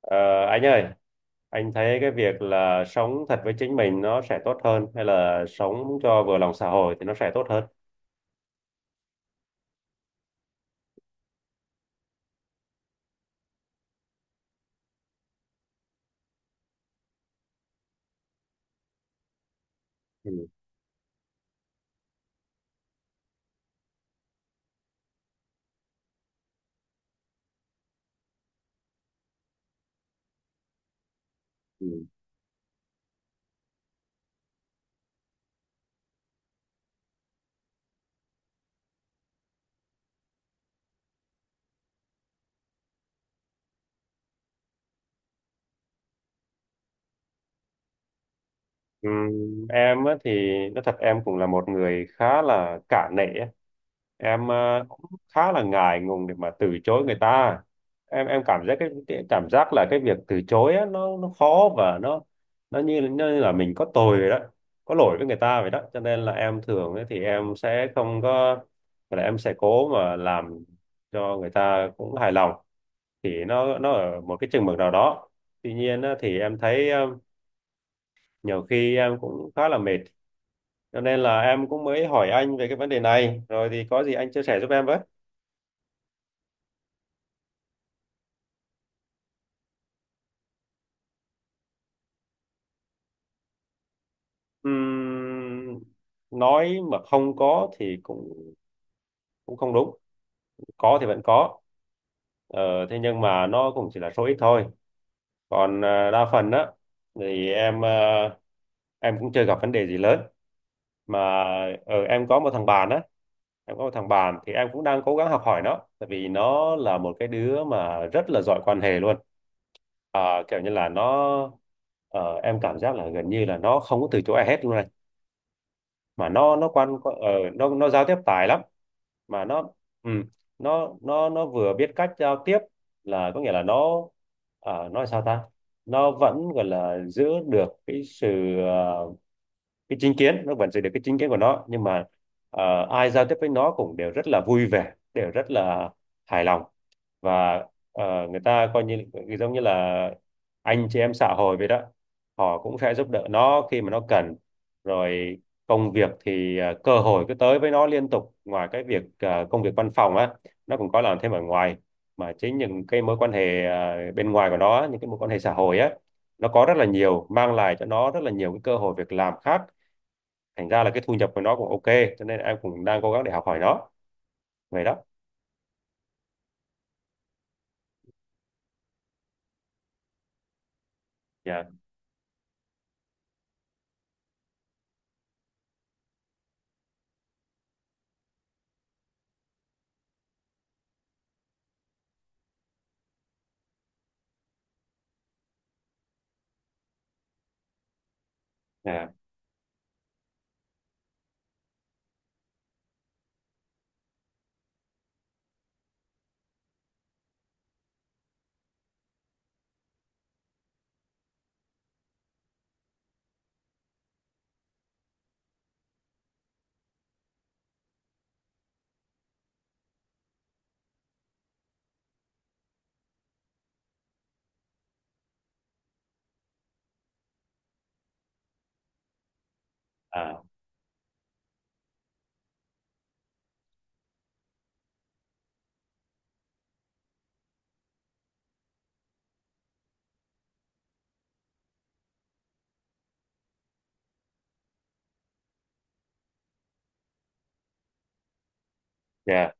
Ờ, anh ơi, anh thấy cái việc là sống thật với chính mình nó sẽ tốt hơn hay là sống cho vừa lòng xã hội thì nó sẽ tốt hơn? Ừ. Em á thì nói thật em cũng là một người khá là cả nể á. Em cũng khá là ngại ngùng để mà từ chối người ta. Em cảm giác cái cảm giác là cái việc từ chối á, nó khó và nó như là mình có tội vậy đó, có lỗi với người ta vậy đó. Cho nên là em thường ấy, thì em sẽ không có, là em sẽ cố mà làm cho người ta cũng hài lòng, thì nó ở một cái chừng mực nào đó. Tuy nhiên á, thì em thấy nhiều khi em cũng khá là mệt, cho nên là em cũng mới hỏi anh về cái vấn đề này, rồi thì có gì anh chia sẻ giúp em với. Ừm, nói mà không có thì cũng cũng không đúng, có thì vẫn có, ờ, thế nhưng mà nó cũng chỉ là số ít thôi. Còn đa phần á thì em, em cũng chưa gặp vấn đề gì lớn mà. Ở em có một thằng bạn á em có một thằng bạn thì em cũng đang cố gắng học hỏi nó, tại vì nó là một cái đứa mà rất là giỏi quan hệ luôn. Kiểu như là nó, ờ, em cảm giác là gần như là nó không có từ chối ai hết luôn này. Mà nó giao tiếp tài lắm, mà nó, ừ, nó vừa biết cách giao tiếp, là có nghĩa là nó, nói sao ta, nó vẫn gọi là giữ được cái sự cái chính kiến, nó vẫn giữ được cái chính kiến của nó. Nhưng mà ai giao tiếp với nó cũng đều rất là vui vẻ, đều rất là hài lòng. Và người ta coi như giống như là anh chị em xã hội vậy đó, họ cũng sẽ giúp đỡ nó khi mà nó cần. Rồi công việc thì cơ hội cứ tới với nó liên tục. Ngoài cái việc công việc văn phòng á, nó cũng có làm thêm ở ngoài, mà chính những cái mối quan hệ bên ngoài của nó, những cái mối quan hệ xã hội á, nó có rất là nhiều, mang lại cho nó rất là nhiều cái cơ hội việc làm khác. Thành ra là cái thu nhập của nó cũng ok, cho nên em cũng đang cố gắng để học hỏi nó vậy đó. Dạ. Dạ. À. Dạ.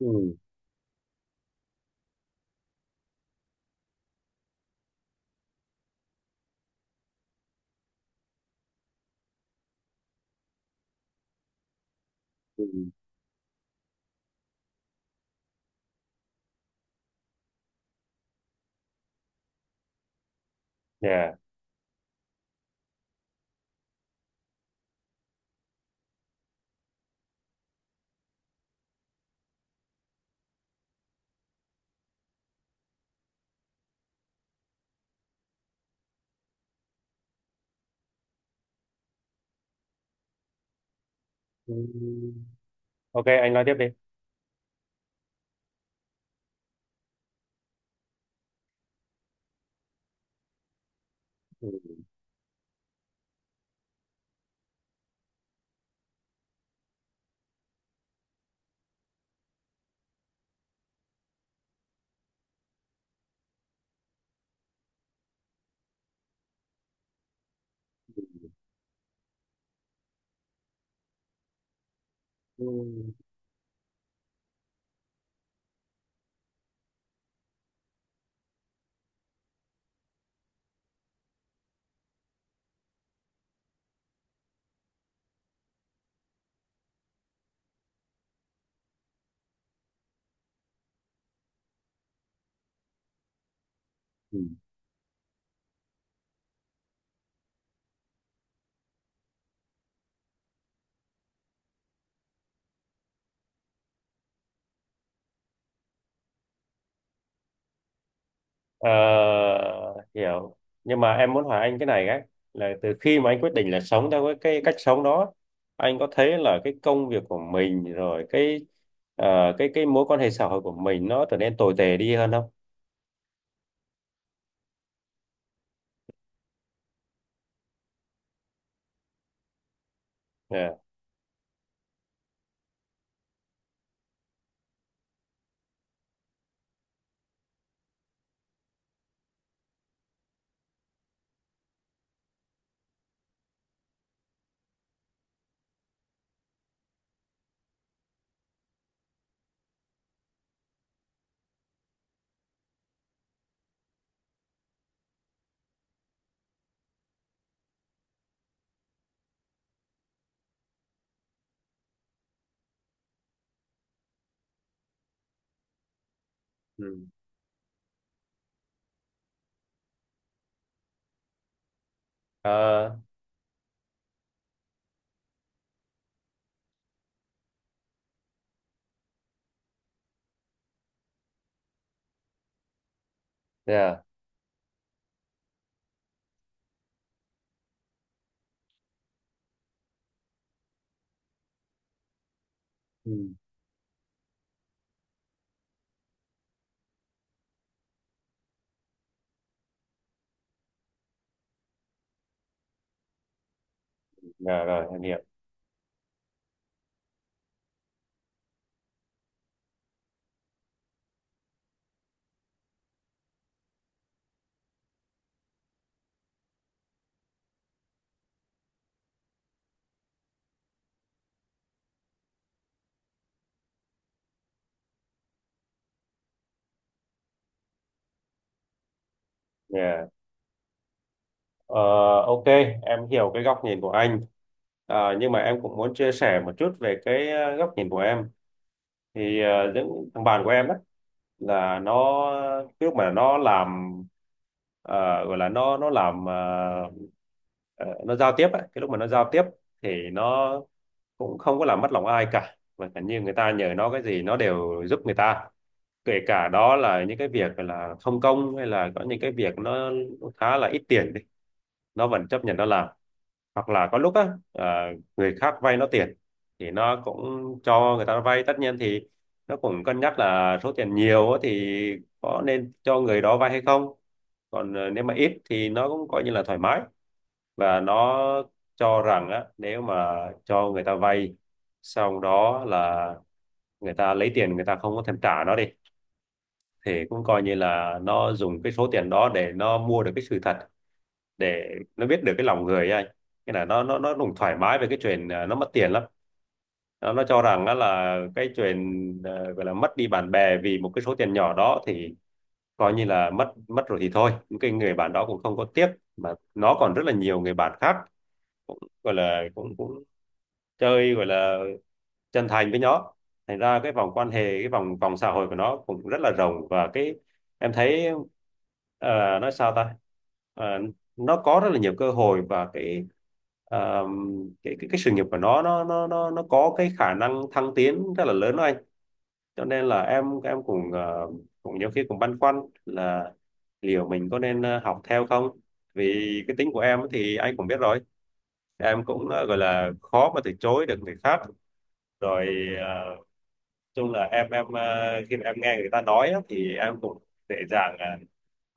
Ừ. Ừ. Dạ. Ừ. Ok, anh nói tiếp đi. Ừ. Ừ. Ừ. Ờ, hiểu. Nhưng mà em muốn hỏi anh cái này ấy, là từ khi mà anh quyết định là sống theo cái cách sống đó, anh có thấy là cái công việc của mình, rồi cái cái mối quan hệ xã hội của mình nó trở nên tồi tệ đi hơn không? Yeah. Ừ. Ờ, yeah. Ừ. Dạ rồi em hiểu. Dạ. Ờ, ok, em hiểu cái góc nhìn của anh. Ờ, nhưng mà em cũng muốn chia sẻ một chút về cái góc nhìn của em. Thì những thằng bạn của em đó, là nó, cái lúc mà nó làm ờ, gọi là nó làm, ờ, nó giao tiếp ấy. Cái lúc mà nó giao tiếp thì nó cũng không có làm mất lòng ai cả, và cả như người ta nhờ nó cái gì nó đều giúp người ta. Kể cả đó là những cái việc là không công, hay là có những cái việc nó khá là ít tiền đi, nó vẫn chấp nhận nó làm. Hoặc là có lúc á, người khác vay nó tiền thì nó cũng cho người ta vay. Tất nhiên thì nó cũng cân nhắc là số tiền nhiều á thì có nên cho người đó vay hay không. Còn nếu mà ít thì nó cũng coi như là thoải mái. Và nó cho rằng á, nếu mà cho người ta vay xong đó, là người ta lấy tiền người ta không có thèm trả nó đi, thì cũng coi như là nó dùng cái số tiền đó để nó mua được cái sự thật, để nó biết được cái lòng người ấy anh. Cái là nó cũng thoải mái về cái chuyện nó mất tiền lắm. Nó cho rằng á là cái chuyện gọi là mất đi bạn bè vì một cái số tiền nhỏ đó, thì coi như là mất mất rồi thì thôi, những cái người bạn đó cũng không có tiếc, mà nó còn rất là nhiều người bạn khác, cũng gọi là cũng cũng chơi, gọi là chân thành với nó. Thành ra cái vòng quan hệ, cái vòng vòng xã hội của nó cũng rất là rộng. Và cái em thấy, nói sao ta, Ờ, nó có rất là nhiều cơ hội, và cái ờ, cái sự nghiệp của nó nó có cái khả năng thăng tiến rất là lớn đó anh. Cho nên là em cũng cũng nhiều khi cũng băn khoăn là liệu mình có nên học theo không. Vì cái tính của em thì anh cũng biết rồi, em cũng gọi là khó mà từ chối được người khác. Rồi chung là em khi mà em nghe người ta nói á, thì em cũng dễ dàng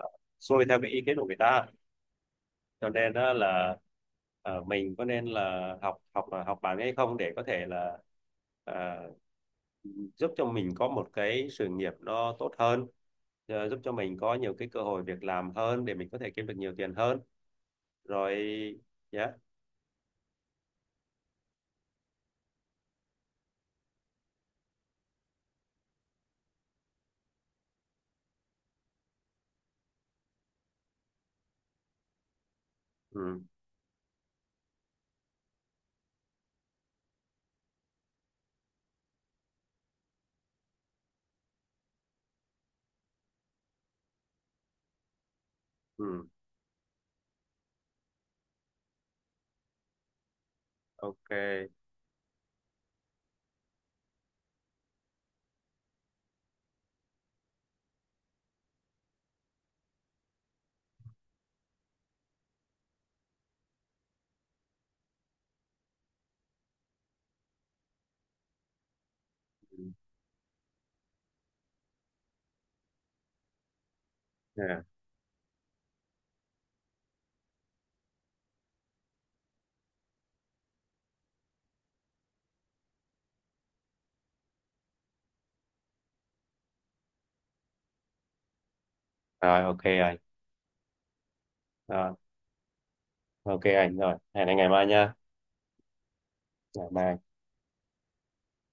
uh, xuôi theo cái ý kiến của người ta. Cho nên á là mình có nên là học học học bản hay không, để có thể là ờ, giúp cho mình có một cái sự nghiệp nó tốt hơn, giúp cho mình có nhiều cái cơ hội việc làm hơn để mình có thể kiếm được nhiều tiền hơn rồi. Yeah. Ừ. Ừ. Ok. Ừ. Yeah. Rồi ok rồi. Rồi, ok anh, rồi hẹn anh ngày mai nha. Ngày mai.